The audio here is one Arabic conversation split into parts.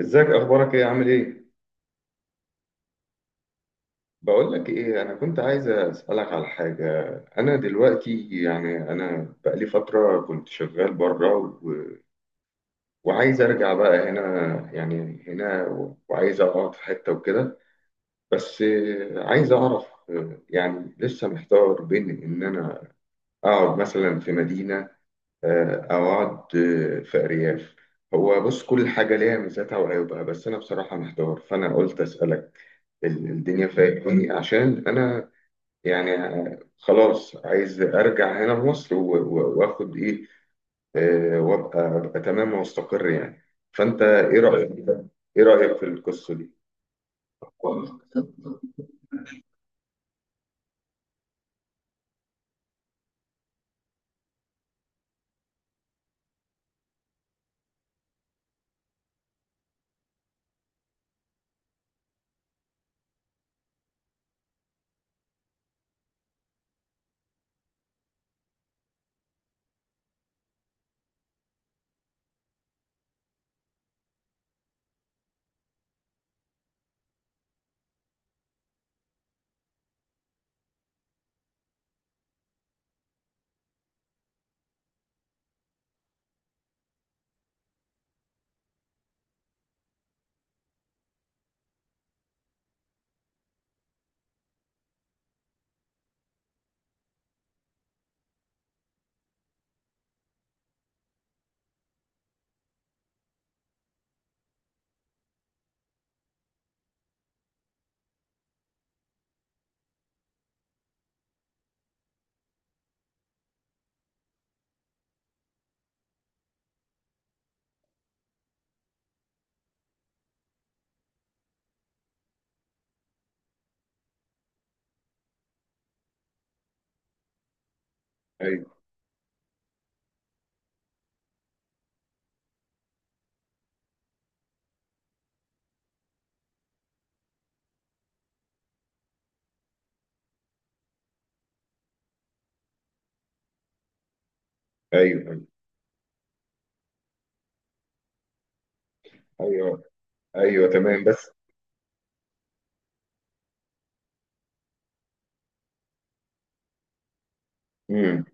ازيك؟ اخبارك ايه؟ عامل ايه؟ بقول لك ايه، انا كنت عايز اسالك على حاجه. انا دلوقتي، يعني انا بقالي فتره كنت شغال بره وعايز ارجع بقى هنا. يعني هنا، وعايز اقعد في حته وكده. بس عايز اعرف، يعني لسه محتار بين ان انا اقعد مثلا في مدينه، او اقعد في ارياف. هو بص، كل حاجه ليها ميزاتها وعيوبها، بس انا بصراحه محتار فانا قلت اسالك. الدنيا فايقاني عشان انا يعني خلاص عايز ارجع هنا لمصر و- و- واخد ايه، وابقى تمام واستقر يعني. فانت ايه رايك؟ ايه رايك في القصه دي؟ ايوه، ايوه، ايوه، ايوه، أيوه، تمام بس. امم.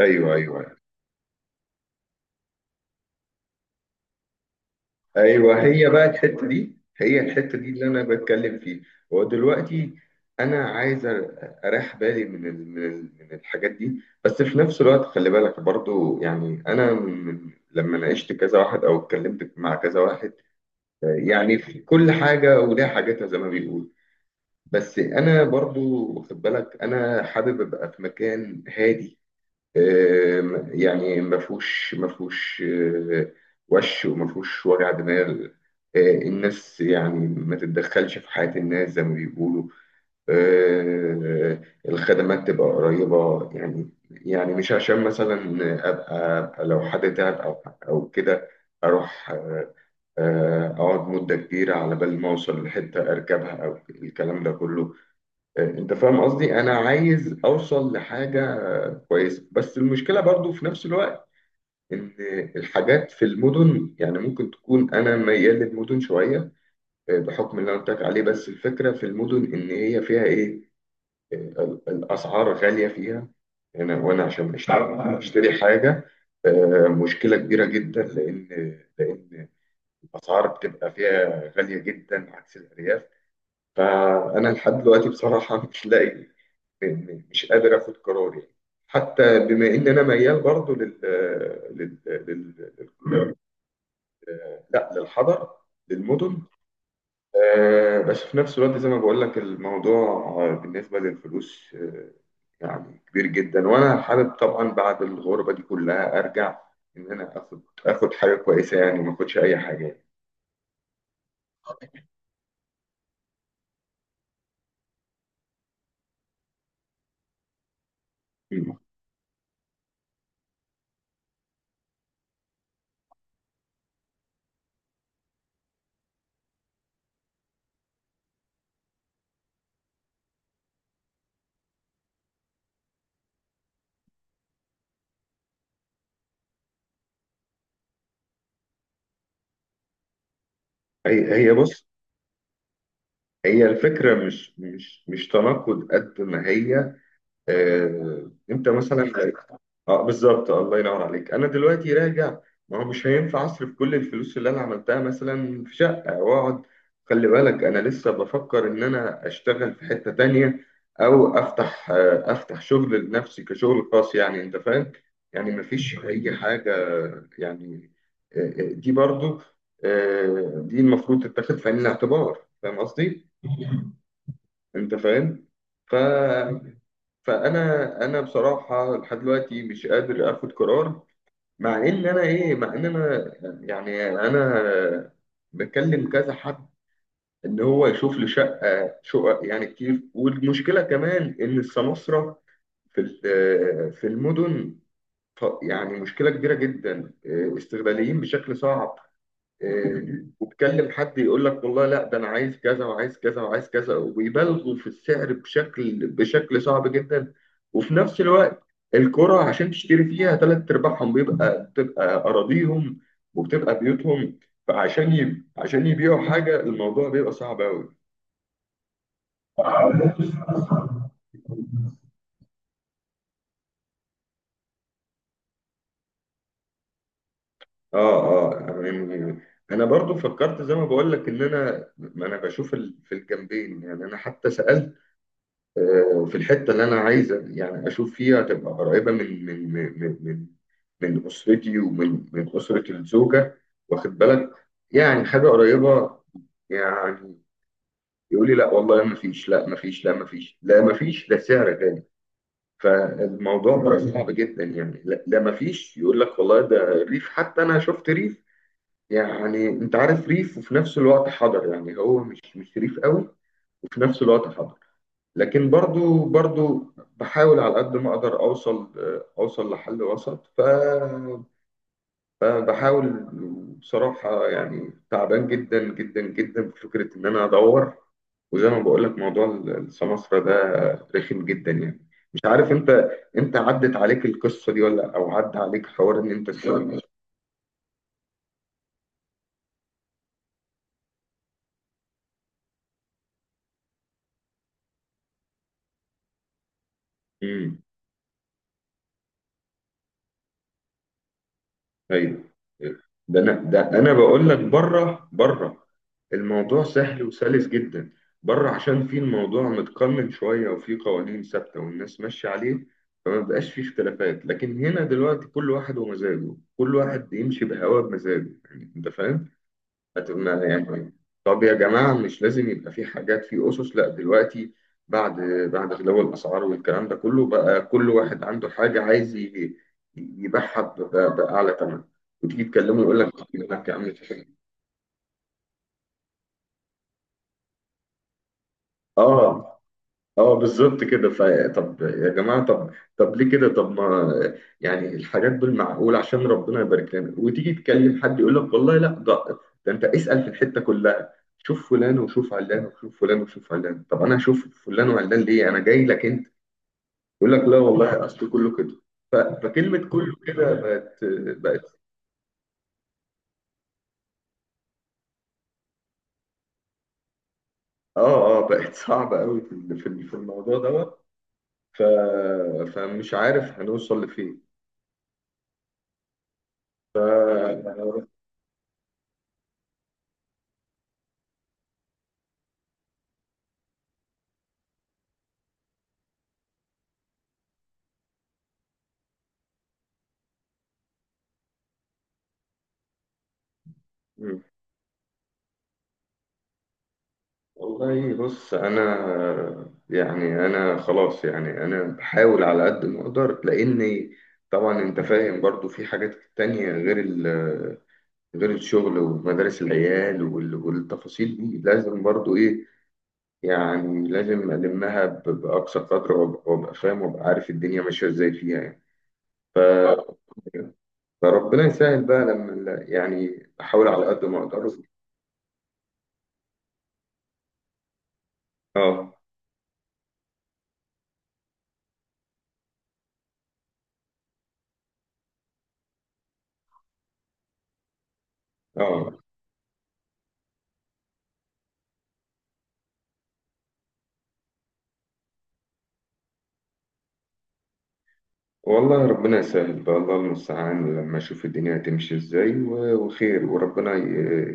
ايوه، ايوه، أيوه. ايوه، هي بقى الحته دي، هي الحته دي اللي انا بتكلم فيها. هو دلوقتي انا عايز اريح بالي من الحاجات دي، بس في نفس الوقت خلي بالك برضو، يعني انا من لما ناقشت كذا واحد او اتكلمت مع كذا واحد، يعني في كل حاجه وليها حاجاتها زي ما بيقول. بس انا برضو واخد بالك انا حابب ابقى في مكان هادي. يعني ما فيهوش، آه، وما فيهوش وجع دماغ. الناس يعني ما تتدخلش في حياة الناس زي ما بيقولوا. آه، الخدمات تبقى قريبة، يعني مش عشان مثلا أبقى لو حد تعب أو كده أروح، أقعد مدة كبيرة على بال ما أوصل لحتة أركبها أو الكلام ده كله. انت فاهم قصدي، انا عايز اوصل لحاجه كويسه. بس المشكله برضو في نفس الوقت ان الحاجات في المدن، يعني ممكن تكون انا ميال للمدن شويه، بحكم اللي انا قلت لك عليه. بس الفكره في المدن ان هي فيها ايه، الاسعار غاليه فيها. انا، وانا عشان اشتري حاجه، مشكله كبيره جدا، لان الاسعار بتبقى فيها غاليه جدا عكس الارياف. فانا لحد دلوقتي بصراحه مش لاقي، مش قادر اخد قرار يعني. حتى بما ان انا ميال برضو لل لل لل- لا، للحضر، للمدن، بس في نفس الوقت زي ما بقول لك الموضوع، بالنسبة للفلوس، يعني كبير جدا. وانا حابب طبعا بعد الغربة دي كلها ارجع ان انا اخد حاجة كويسة يعني، وما اخدش اي حاجة يعني. مم. هي بص، هي الفكرة مش تناقض قد ما هي، انت مثلا. اه، بالظبط، الله ينور عليك. انا دلوقتي راجع، ما هو مش هينفع اصرف كل الفلوس اللي انا عملتها مثلا في شقه واقعد. خلي بالك انا لسه بفكر ان انا اشتغل في حته تانية، او افتح افتح شغل لنفسي كشغل خاص، يعني انت فاهم يعني ما فيش اي حاجه يعني. دي برضو، دي المفروض تتاخد في عين الاعتبار، فاهم قصدي؟ انت فاهم. ف فانا بصراحه لحد دلوقتي مش قادر اخد قرار، مع ان انا، يعني انا بكلم كذا حد ان هو يشوف لي شقه، شقق يعني كتير. والمشكله كمان ان السماسره في ال- في المدن، يعني مشكله كبيره جدا، استغلاليين بشكل صعب. وتكلم حد يقول لك والله لا، ده انا عايز كذا وعايز كذا وعايز كذا، وبيبالغوا في السعر بشكل صعب جدا. وفي نفس الوقت الكرة عشان تشتري فيها تلات ارباعهم بتبقى اراضيهم وبتبقى بيوتهم، عشان يبيعوا حاجة الموضوع بيبقى صعب قوي. اه، اه، يعني انا برضو فكرت زي ما بقول لك ان انا، ما انا بشوف في الجنبين، يعني انا حتى سألت، في الحته اللي انا عايز يعني اشوف فيها تبقى قريبه من من من اسرتي، من اسره الزوجه، واخد بالك، يعني حاجه قريبه يعني. يقول لي لا والله ما فيش، لا ما فيش، لا ما فيش، لا ما فيش ده سعر غالي. فالموضوع بقى صعب جدا يعني. لا, لا ما فيش، يقول لك والله ده الريف. حتى انا شفت ريف، يعني انت عارف ريف وفي نفس الوقت حضر، يعني هو مش ريف قوي وفي نفس الوقت حضر. لكن برضو، برضو بحاول على قد ما اقدر اوصل، لحل وسط. فبحاول، بصراحة يعني تعبان جدا جدا جدا بفكرة ان انا ادور. وزي ما بقول لك موضوع السمسرة ده رخم جدا، يعني مش عارف انت عدت عليك القصة دي ولا، او عدى عليك حوار ان انت تشتغل؟ ايوه، أيوه. ده انا بقول لك بره، بره الموضوع سهل وسلس جدا. بره عشان في الموضوع متقنن شويه، وفي قوانين ثابته والناس ماشيه عليه، فما بقاش فيه اختلافات. لكن هنا دلوقتي كل واحد ومزاجه، كل واحد يمشي بهواه بمزاجه، يعني انت فاهم، يعني طب يا جماعة، مش لازم يبقى في حاجات، في أسس؟ لا دلوقتي بعد، غلو الأسعار والكلام ده كله بقى كل واحد عنده حاجة عايز يبيعها ب- ب- بأعلى ثمن، وتيجي تكلمه يقول لك طب، يقول لك يا عم في حاجة. اه، اه، بالظبط كده. طب يا جماعه، طب، ليه كده؟ طب ما يعني الحاجات بالمعقول عشان ربنا يبارك لنا. وتيجي تكلم حد يقول لك والله لا، ده ده انت اسال في الحته كلها، شوف فلان وشوف علان وشوف فلان وشوف علان. طب انا اشوف فلان وعلان ليه، انا جاي لك انت. يقول لك لا والله اصل كله كده. ف- فكلمه كله كده بقت، بقت اه، اه، بقت صعبه قوي في في الموضوع دوت. ف فمش عارف هنوصل لفين. والله بص انا يعني، انا خلاص يعني انا بحاول على قد ما اقدر، لاني طبعا انت فاهم برضو في حاجات تانية غير غير الشغل ومدارس العيال والتفاصيل دي لازم برضو ايه، يعني لازم المها باقصى قدر، وابقى فاهم وابقى عارف الدنيا ماشيه ازاي فيها يعني. فربنا يسهل بقى، لما يعني بحاول على قد ما اقدر. اه، اه، والله ربنا يسهل بقى، الله المستعان لما اشوف الدنيا هتمشي ازاي وخير.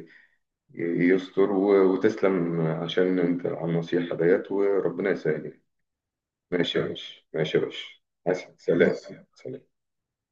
ي- يستر، وتسلم عشان انت على النصيحة ديت، وربنا يسهل. ماشي يا باشا، ماشي يا باشا. حسن، سلام. سلام.